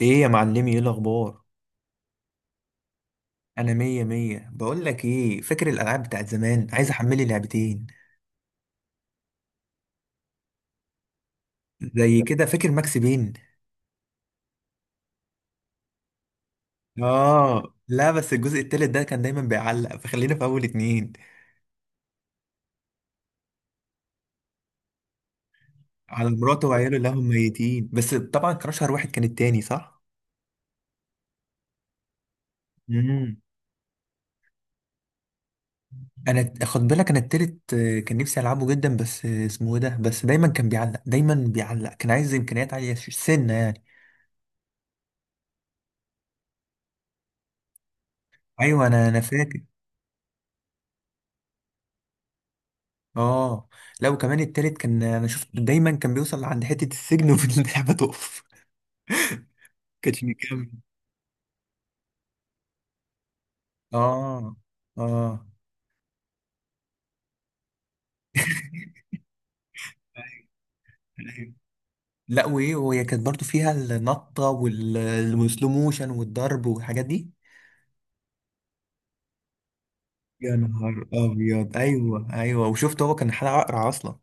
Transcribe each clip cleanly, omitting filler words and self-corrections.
ايه يا معلمي؟ ايه الاخبار؟ انا مية مية. بقول لك ايه فاكر الالعاب بتاعت زمان. عايز احملي لعبتين زي كده. فاكر ماكس بين؟ اه لا بس الجزء التالت ده كان دايما بيعلق فخلينا في اول اتنين. على مراته وعياله اللي هم ميتين، بس طبعا كان اشهر واحد كان التاني صح. امم انا، خد بالك، انا التالت، كان نفسي العبه جدا بس اسمه ايه ده، بس دايما كان بيعلق دايما بيعلق، كان عايز امكانيات عالية سنة يعني. ايوه انا فاكر. اه لا وكمان التالت كان، انا شفت دايما كان بيوصل عند حتة السجن واللعبة تقف. كانش بيكمل. اه، اه، أيوة. لا وايه وهي كانت برضو فيها النطة والسلو موشن والضرب والحاجات دي. يا نهار ابيض، ايوه ايوه. وشفت هو كان حلقة اقرع اصلا.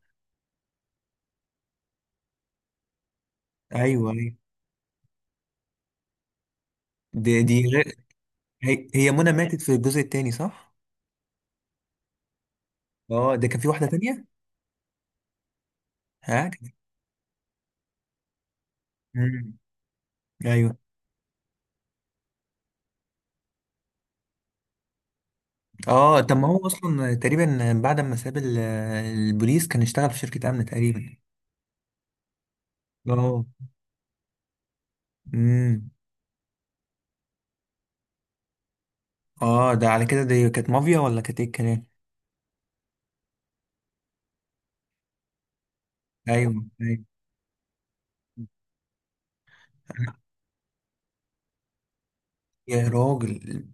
ايوه ايوه. دي غير. هي منى ماتت في الجزء التاني صح؟ اه ده كان في واحدة تانية؟ ها؟ مم. ايوه. اه طب ما هو اصلا تقريبا بعد ما ساب البوليس كان اشتغل في شركة امن تقريبا. اه. امم. اه ده على كده دي كانت مافيا ولا كانت ايه الكلام؟ ايوه ايوه. يا راجل.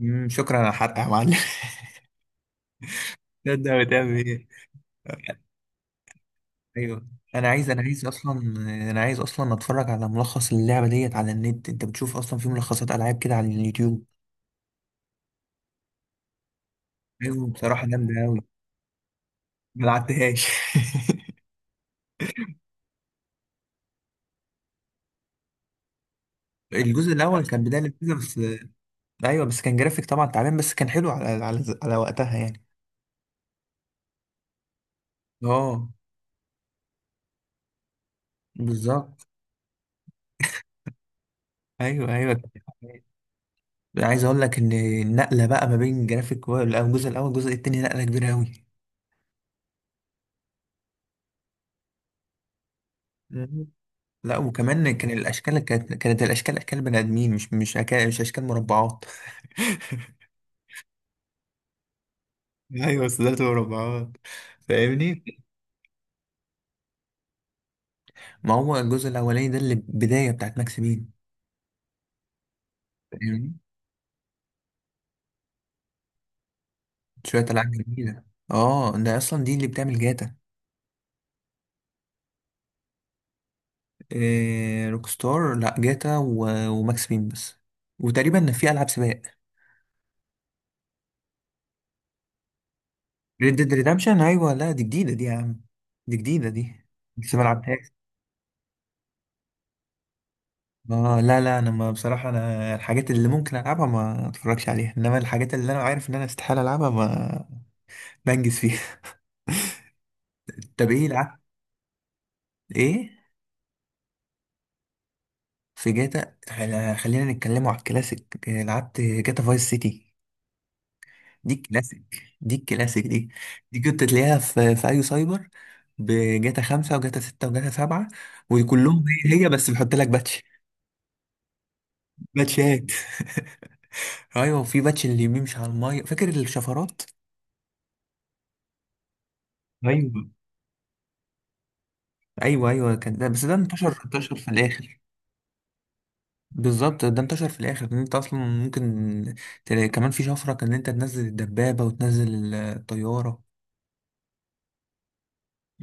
شكرا على الحرق يا معلم. ده بتعمل ايه؟ ايوه. انا عايز اصلا. انا عايز اصلا اتفرج على ملخص اللعبه ديت على النت. انت بتشوف اصلا في ملخصات العاب كده على اليوتيوب؟ ايوه بصراحه جامده قوي. ما لعبتهاش. الجزء الاول كان بدايه لذيذه بس. ايوه بس كان جرافيك طبعا تعبان، بس كان حلو على وقتها يعني. اه. بالظبط. ايوه ايوه. يعني عايز اقول لك ان النقله بقى ما بين جرافيك الجزء الاول والجزء التاني نقله كبيره قوي. مم. لا وكمان كان الاشكال كانت الاشكال اشكال بني ادمين، مش اشكال مربعات. ايوه بس ده مربعات. فاهمني. ما هو الجزء الاولاني ده اللي بدايه بتاعت ماكس بين. فاهمني؟ شويه العاب جديده. اه ده اصلا دي اللي بتعمل جاتا. إيه روك ستار، لا جاتا وماكس بين بس. وتقريبا في العاب سباق. ريد ديد ريدمشن، ايوه لا دي جديده دي يا عم. دي جديده دي. لسه ما لعبتهاش. اه لا لا، انا ما، بصراحه انا الحاجات اللي ممكن العبها ما اتفرجش عليها، انما الحاجات اللي انا عارف ان انا استحاله العبها ما بنجز فيها. طب ايه لعبت؟ ايه. في جاتا خلينا نتكلموا على الكلاسيك. إيه، لعبت جاتا فايس سيتي. دي الكلاسيك. دي الكلاسيك دي. دي كنت تلاقيها في اي سايبر. بجاتا 5 وجاتا 6 وجاتا 7. وكلهم هي هي، بس بيحط لك باتش. باتشات. ايوه، وفي باتش اللي بيمشي على المية. فاكر الشفرات؟ ايوه ايوه ايوه، كان ده. بس ده انتشر انتشر في الاخر. بالظبط، ده انتشر في الاخر ان انت اصلا ممكن تلاقي كمان في شفرة كان ان انت تنزل الدبابة وتنزل الطيارة.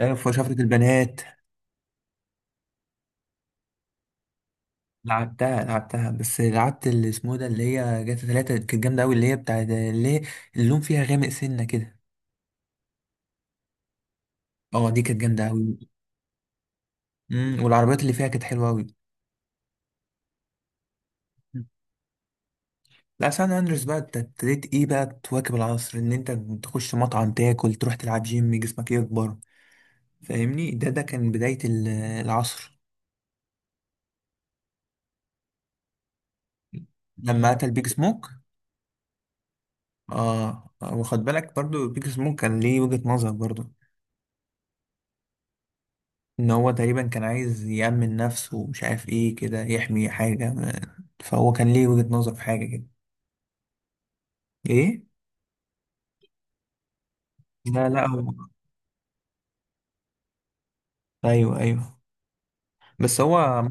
ايوه في شفرة البنات. لعبتها بس لعبت اللي اسمه ده اللي هي جاتا 3 كانت جامدة أوي، اللي هي بتاع اللي هي اللون فيها غامق سنة كده. اه دي كانت جامدة أوي. مم. والعربيات اللي فيها كانت حلوة أوي. مم. لا سان أندريس بقى أنت ابتديت إيه بقى تواكب العصر، إن أنت تخش مطعم تاكل تروح تلعب جيم جسمك يكبر. فاهمني، ده كان بداية العصر. لما قتل بيج سموك. اه واخد بالك برضو بيج سموك كان ليه وجهة نظر برضو. ان هو تقريبا كان عايز يأمن نفسه ومش عارف ايه كده، يحمي حاجة فهو كان ليه وجهة نظر في حاجة كده. ايه. لا لا هو. ايوه ايوه بس هو.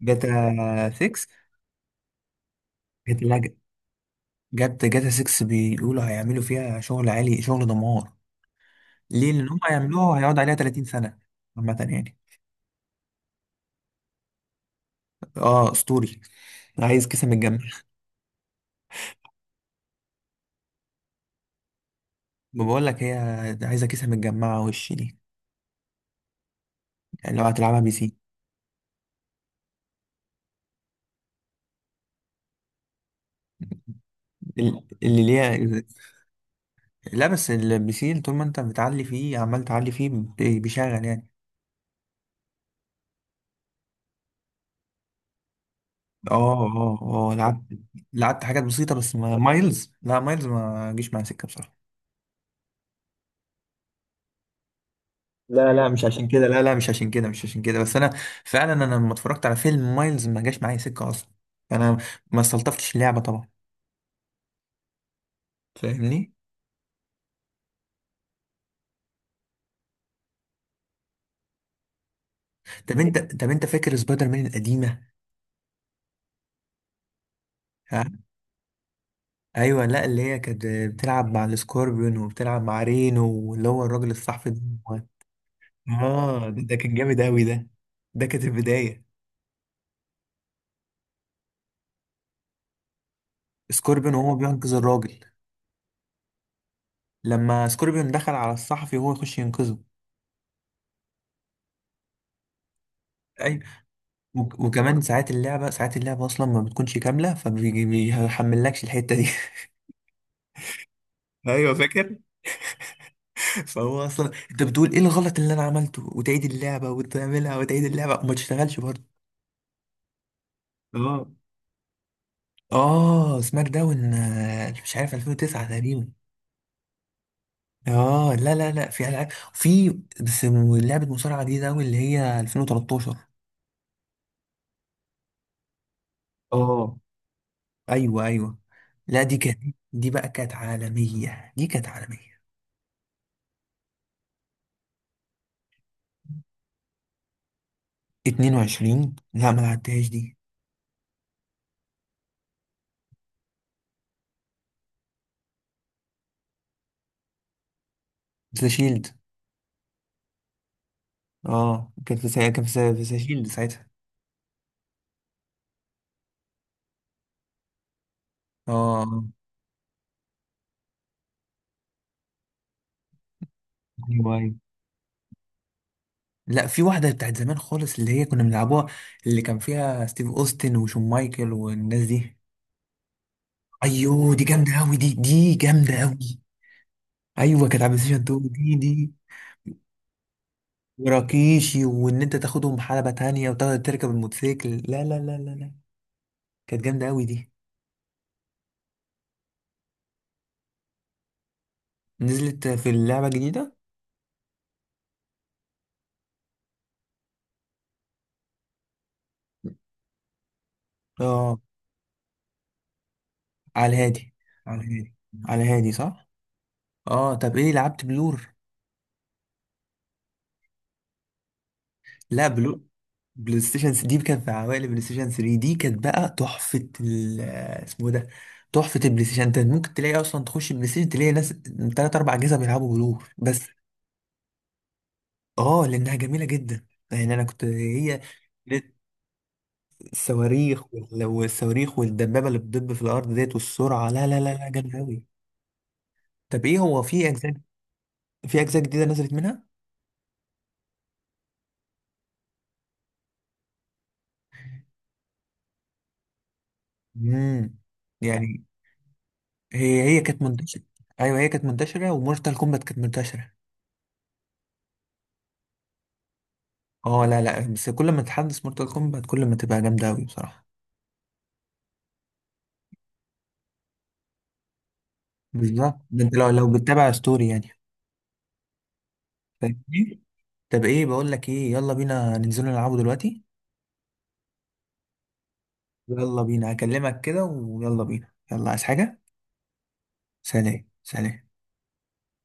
جاتا 6. جاتا لا. جاتا 6 بيقولوا هيعملوا فيها شغل عالي شغل دمار. ليه؟ لان هم هيعملوها هيقعد عليها 30 سنة. عامة يعني. اه اسطوري. عايز كيسة متجمعة. ما بقول لك هي عايزة كيسة متجمعة وش دي. يعني لو هتلعبها بي سي. اللي ليها. لا بس البي سي طول ما انت بتعلي فيه عمال تعلي فيه بيشغل يعني. اه اه اه. لعبت. لعبت حاجات بسيطة بس، ما مايلز، لا مايلز ما جيش معايا سكة بصراحة. لا لا مش عشان كده، لا لا مش عشان كده، مش عشان كده بس انا فعلا. انا لما اتفرجت على فيلم مايلز ما جاش معايا سكة اصلا. انا. ما استلطفتش اللعبة طبعا. فاهمني. طب انت فاكر سبايدر مان القديمة؟ ها. ايوه لا اللي هي كانت بتلعب مع السكوربيون وبتلعب مع رينو واللي هو الراجل الصحفي ده. اه ده كان جامد قوي ده. ده كانت البداية. سكوربين وهو بينقذ الراجل. لما سكوربين دخل على الصحفي وهو يخش ينقذه. اي. وكمان ساعات اللعبة اصلا ما بتكونش كاملة فبيحملكش الحتة دي. ايوه فاكر. فهو اصلا انت بتقول ايه الغلط اللي انا عملته وتعيد اللعبة وتعملها وتعيد اللعبة وما تشتغلش برضه. اه اه سماك داون مش عارف 2009 تقريبا. اه لا لا لا في العاب في. بس لعبه مصارعه جديده قوي اللي هي 2013. اه ايوه ايوه. لا دي كانت، دي بقى كانت عالميه دي كانت عالميه. 22 لا ما لعبتهاش دي. ذا شيلد. اه كانت في كان في في ذا شيلد ساعتها. اه ايوه ايوه. لا في واحده بتاعت زمان خالص اللي هي كنا بنلعبوها. اللي كان فيها ستيف اوستن وشون مايكل والناس دي. ايوه دي جامده قوي دي جامده قوي. ايوه كانت على بلاي ستيشن 2 دي. وراكيشي وان انت تاخدهم حلبة تانية وتاخد تركب الموتوسيكل، لا لا لا لا لا كانت جامدة قوي دي. نزلت في اللعبة الجديدة. اه على الهادي. على الهادي. على الهادي صح. اه طب ايه لعبت بلور؟ لا بلور. بلاي ستيشن 3 دي كانت في عوائل، بلاي ستيشن 3 دي كانت بقى تحفة ال اسمه إيه ده، تحفة البلاي ستيشن. انت ممكن تلاقي اصلا تخش البلاي ستيشن تلاقي ناس تلات اربع اجهزة بيلعبوا بلور بس. اه لانها جميلة جدا. يعني انا كنت، هي الصواريخ والصواريخ والدبابة اللي بتدب في الأرض ديت والسرعة، لا لا لا لا جامد أوي. طب إيه هو في أجزاء، في أجزاء جديدة نزلت منها؟ امم. يعني هي كانت منتشرة. أيوه هي كانت منتشرة ومورتال كومبات كانت منتشرة. أه لا لا بس كل ما تحدث مورتال كومبات كل ما تبقى جامدة أوي بصراحة. بالظبط، ده أنت لو بتتابع ستوري يعني. فاهمني؟ طب إيه، بقول لك إيه، يلا بينا ننزلوا نلعبوا دلوقتي. يلا بينا. هكلمك كده ويلا بينا. يلا عايز حاجة؟ سلام سلام.